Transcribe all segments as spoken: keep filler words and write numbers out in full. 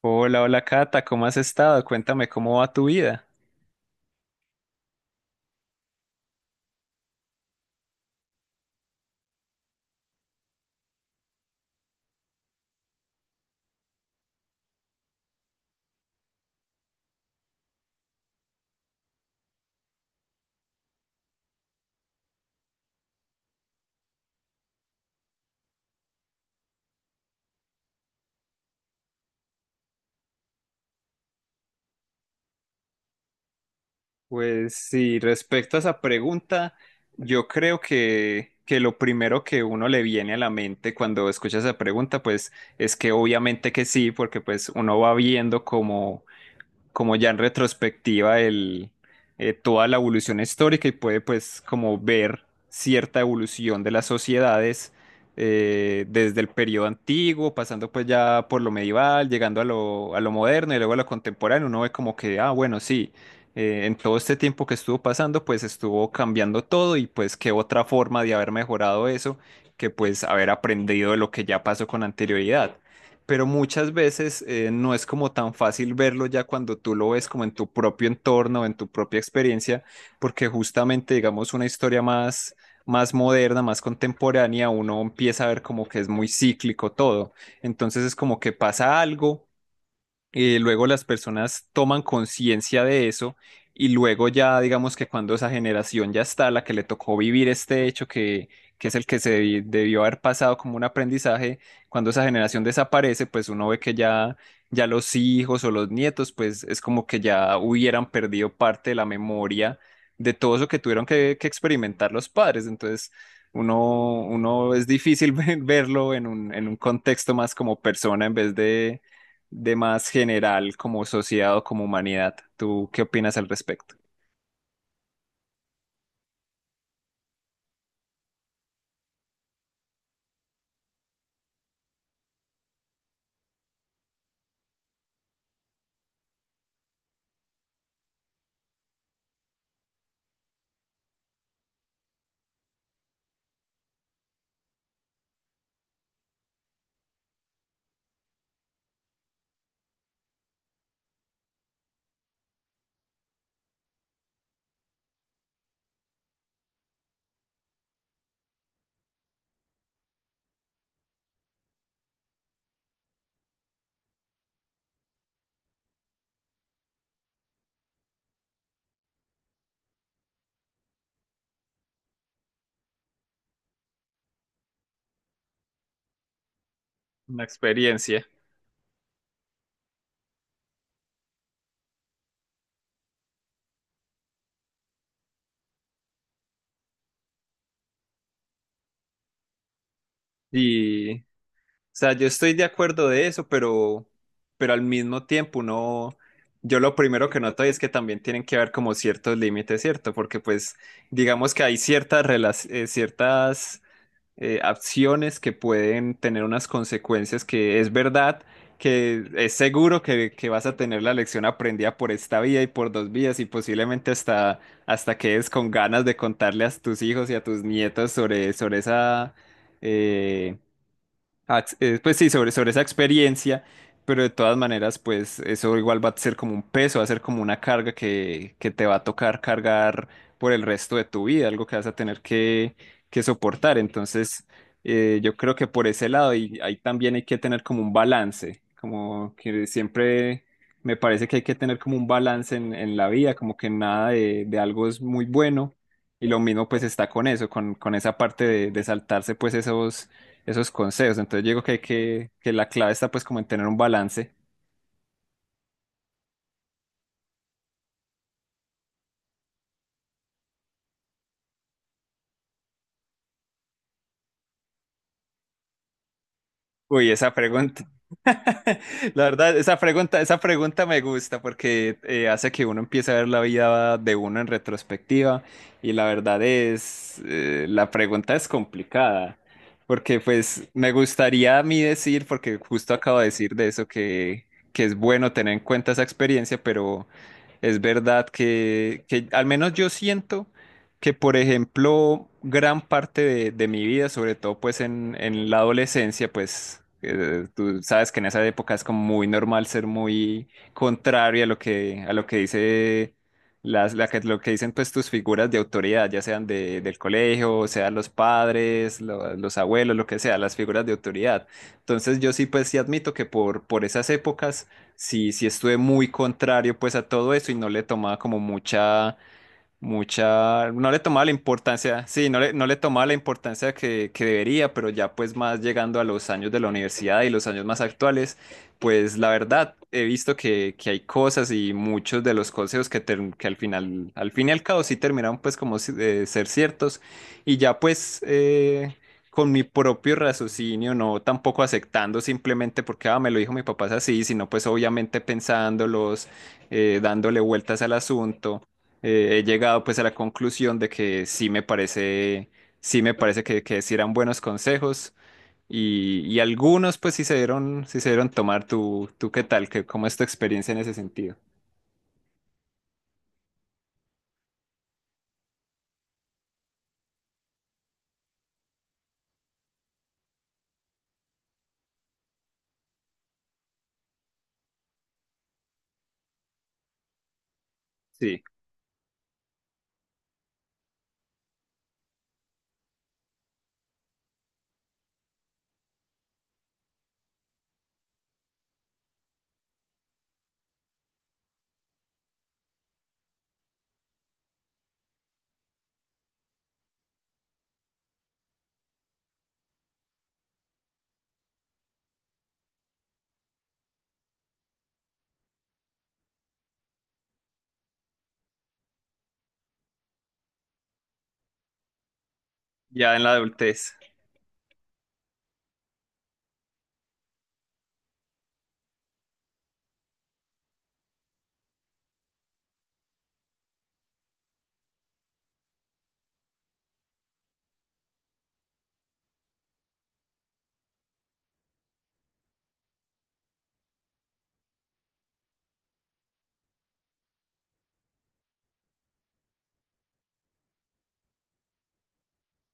Hola, hola Cata, ¿cómo has estado? Cuéntame cómo va tu vida. Pues sí, respecto a esa pregunta, yo creo que, que lo primero que uno le viene a la mente cuando escucha esa pregunta, pues es que obviamente que sí, porque pues uno va viendo como como ya en retrospectiva el, eh, toda la evolución histórica, y puede pues como ver cierta evolución de las sociedades eh, desde el periodo antiguo, pasando pues ya por lo medieval, llegando a lo, a lo moderno y luego a lo contemporáneo. Uno ve como que, ah, bueno, sí, eh, en todo este tiempo que estuvo pasando pues estuvo cambiando todo, y pues qué otra forma de haber mejorado eso que pues haber aprendido de lo que ya pasó con anterioridad. Pero muchas veces eh, no es como tan fácil verlo ya cuando tú lo ves como en tu propio entorno, en tu propia experiencia, porque justamente, digamos, una historia más, más moderna, más contemporánea, uno empieza a ver como que es muy cíclico todo. Entonces es como que pasa algo, eh, luego las personas toman conciencia de eso, y luego ya digamos que cuando esa generación ya está, la que le tocó vivir este hecho que, que es el que se debi- debió haber pasado como un aprendizaje. Cuando esa generación desaparece, pues uno ve que ya, ya los hijos o los nietos, pues es como que ya hubieran perdido parte de la memoria de todo eso que tuvieron que, que experimentar los padres. Entonces... Uno, uno es difícil verlo en un, en un contexto más como persona, en vez de, de más general como sociedad o como humanidad. ¿Tú qué opinas al respecto? Una experiencia. Y, o sea, yo estoy de acuerdo de eso, pero, pero al mismo tiempo no, yo lo primero que noto es que también tienen que haber como ciertos límites, ¿cierto? Porque pues digamos que hay ciertas, rela- eh, ciertas eh, acciones que pueden tener unas consecuencias que es verdad, que es seguro que, que vas a tener la lección aprendida por esta vía y por dos vías, y posiblemente hasta, hasta quedes con ganas de contarle a tus hijos y a tus nietos sobre, sobre esa... eh, ax- eh, Pues sí, sobre, sobre esa experiencia. Pero de todas maneras, pues eso igual va a ser como un peso, va a ser como una carga que, que te va a tocar cargar por el resto de tu vida, algo que vas a tener que, que soportar. Entonces, eh, yo creo que por ese lado, y ahí también hay que tener como un balance, como que siempre me parece que hay que tener como un balance en, en la vida, como que nada de, de algo es muy bueno. Y lo mismo pues está con eso, con, con esa parte de, de saltarse pues esos esos consejos. Entonces yo digo que hay que, que la clave está pues como en tener un balance. Uy, esa pregunta, la verdad, esa pregunta, esa pregunta me gusta, porque eh, hace que uno empiece a ver la vida de uno en retrospectiva. Y la verdad es, eh, la pregunta es complicada, porque pues me gustaría a mí decir, porque justo acabo de decir de eso, que, que es bueno tener en cuenta esa experiencia, pero es verdad que, que al menos yo siento que, por ejemplo, gran parte de, de mi vida, sobre todo pues en, en la adolescencia, pues eh, tú sabes que en esa época es como muy normal ser muy contrario a lo que, a lo que dice las, la que- lo que dicen pues tus figuras de autoridad, ya sean de, del colegio, sean los padres, lo- los abuelos, lo que sea, las figuras de autoridad. Entonces yo sí, pues sí admito que por, por esas épocas sí, sí estuve muy contrario pues a todo eso, y no le tomaba como mucha mucha, no le tomaba la importancia, sí, no le, no le tomaba la importancia que, que debería. Pero ya pues más llegando a los años de la universidad y los años más actuales, pues la verdad he visto que, que hay cosas, y muchos de los consejos que, ter- que al final, al fin y al cabo sí terminaron pues como si- eh, ser ciertos. Y ya pues... eh, con mi propio raciocinio, no, tampoco aceptando simplemente porque, ah, me lo dijo mi papá, es así, sino pues obviamente pensándolos, eh, dándole vueltas al asunto, eh, he llegado pues a la conclusión de que sí me parece, sí me parece que, que sí eran buenos consejos, y, y algunos pues sí se dieron, sí se dieron tomar. ¿Tú, tú qué tal? ¿Qué, cómo es tu experiencia en ese sentido? Sí, ya en la adultez.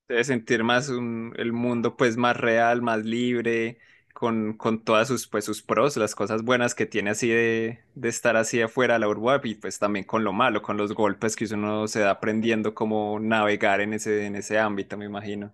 Debes sentir más un- el mundo pues más real, más libre, con, con todas sus pues sus pros, las cosas buenas que tiene así de, de estar así afuera de la urba, y pues también con lo malo, con los golpes que uno se da aprendiendo cómo navegar en ese, en ese ámbito, me imagino.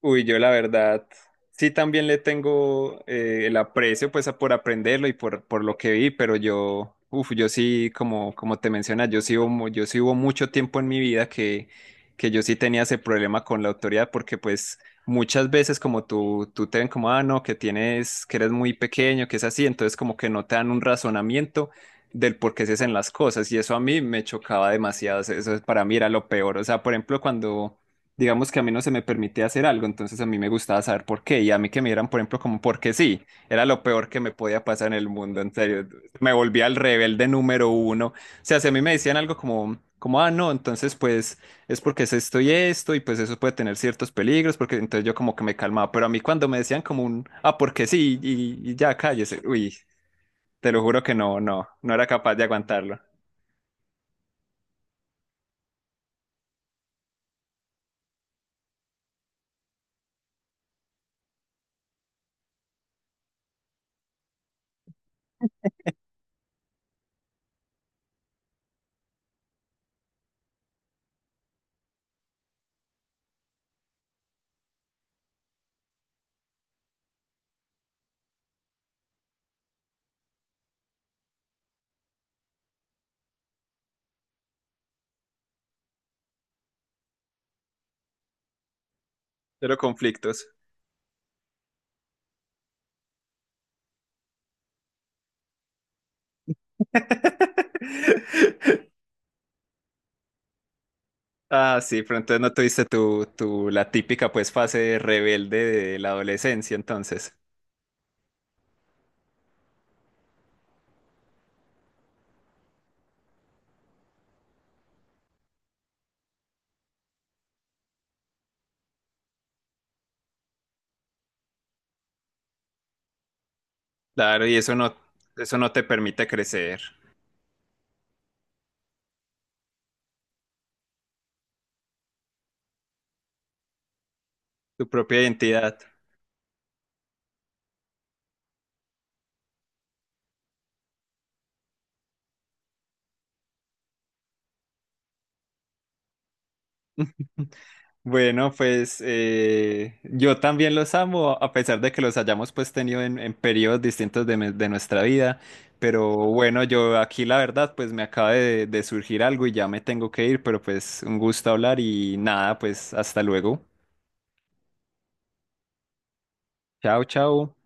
Uy, yo la verdad sí también le tengo eh, el aprecio pues a- por aprenderlo, y por, por lo que vi. Pero yo, uf, yo sí, como, como te mencionas, yo sí, hubo, mu- yo sí hubo mucho tiempo en mi vida que, que yo sí tenía ese problema con la autoridad, porque pues muchas veces como tú, tú te ven como, ah, no, que tienes, que eres muy pequeño, que es así, entonces como que no te dan un razonamiento del por qué se hacen las cosas, y eso a mí me chocaba demasiado. O sea, eso para mí era lo peor. O sea, por ejemplo, cuando digamos que a mí no se me permitía hacer algo, entonces a mí me gustaba saber por qué, y a mí que me dieran, por ejemplo, como porque sí, era lo peor que me podía pasar en el mundo, en serio. Me volvía el rebelde número uno. O sea, si a mí me decían algo como, como, ah, no, entonces pues es porque es esto y esto, y pues eso puede tener ciertos peligros, porque entonces yo como que me calmaba. Pero a mí cuando me decían como un, ah, porque sí, y, y ya cállese, uy, te lo juro que no, no, no era capaz de aguantarlo. Pero conflictos. Ah, sí, pero entonces no tuviste tu, tu, la típica pues fase rebelde de la adolescencia, entonces. Claro, y eso no, eso no te permite crecer, tu propia identidad. Bueno, pues eh, yo también los amo, a pesar de que los hayamos pues tenido en, en periodos distintos de, me- de nuestra vida. Pero bueno, yo aquí la verdad pues me acaba de, de surgir algo y ya me tengo que ir, pero pues un gusto hablar, y nada, pues hasta luego. Chao, chao.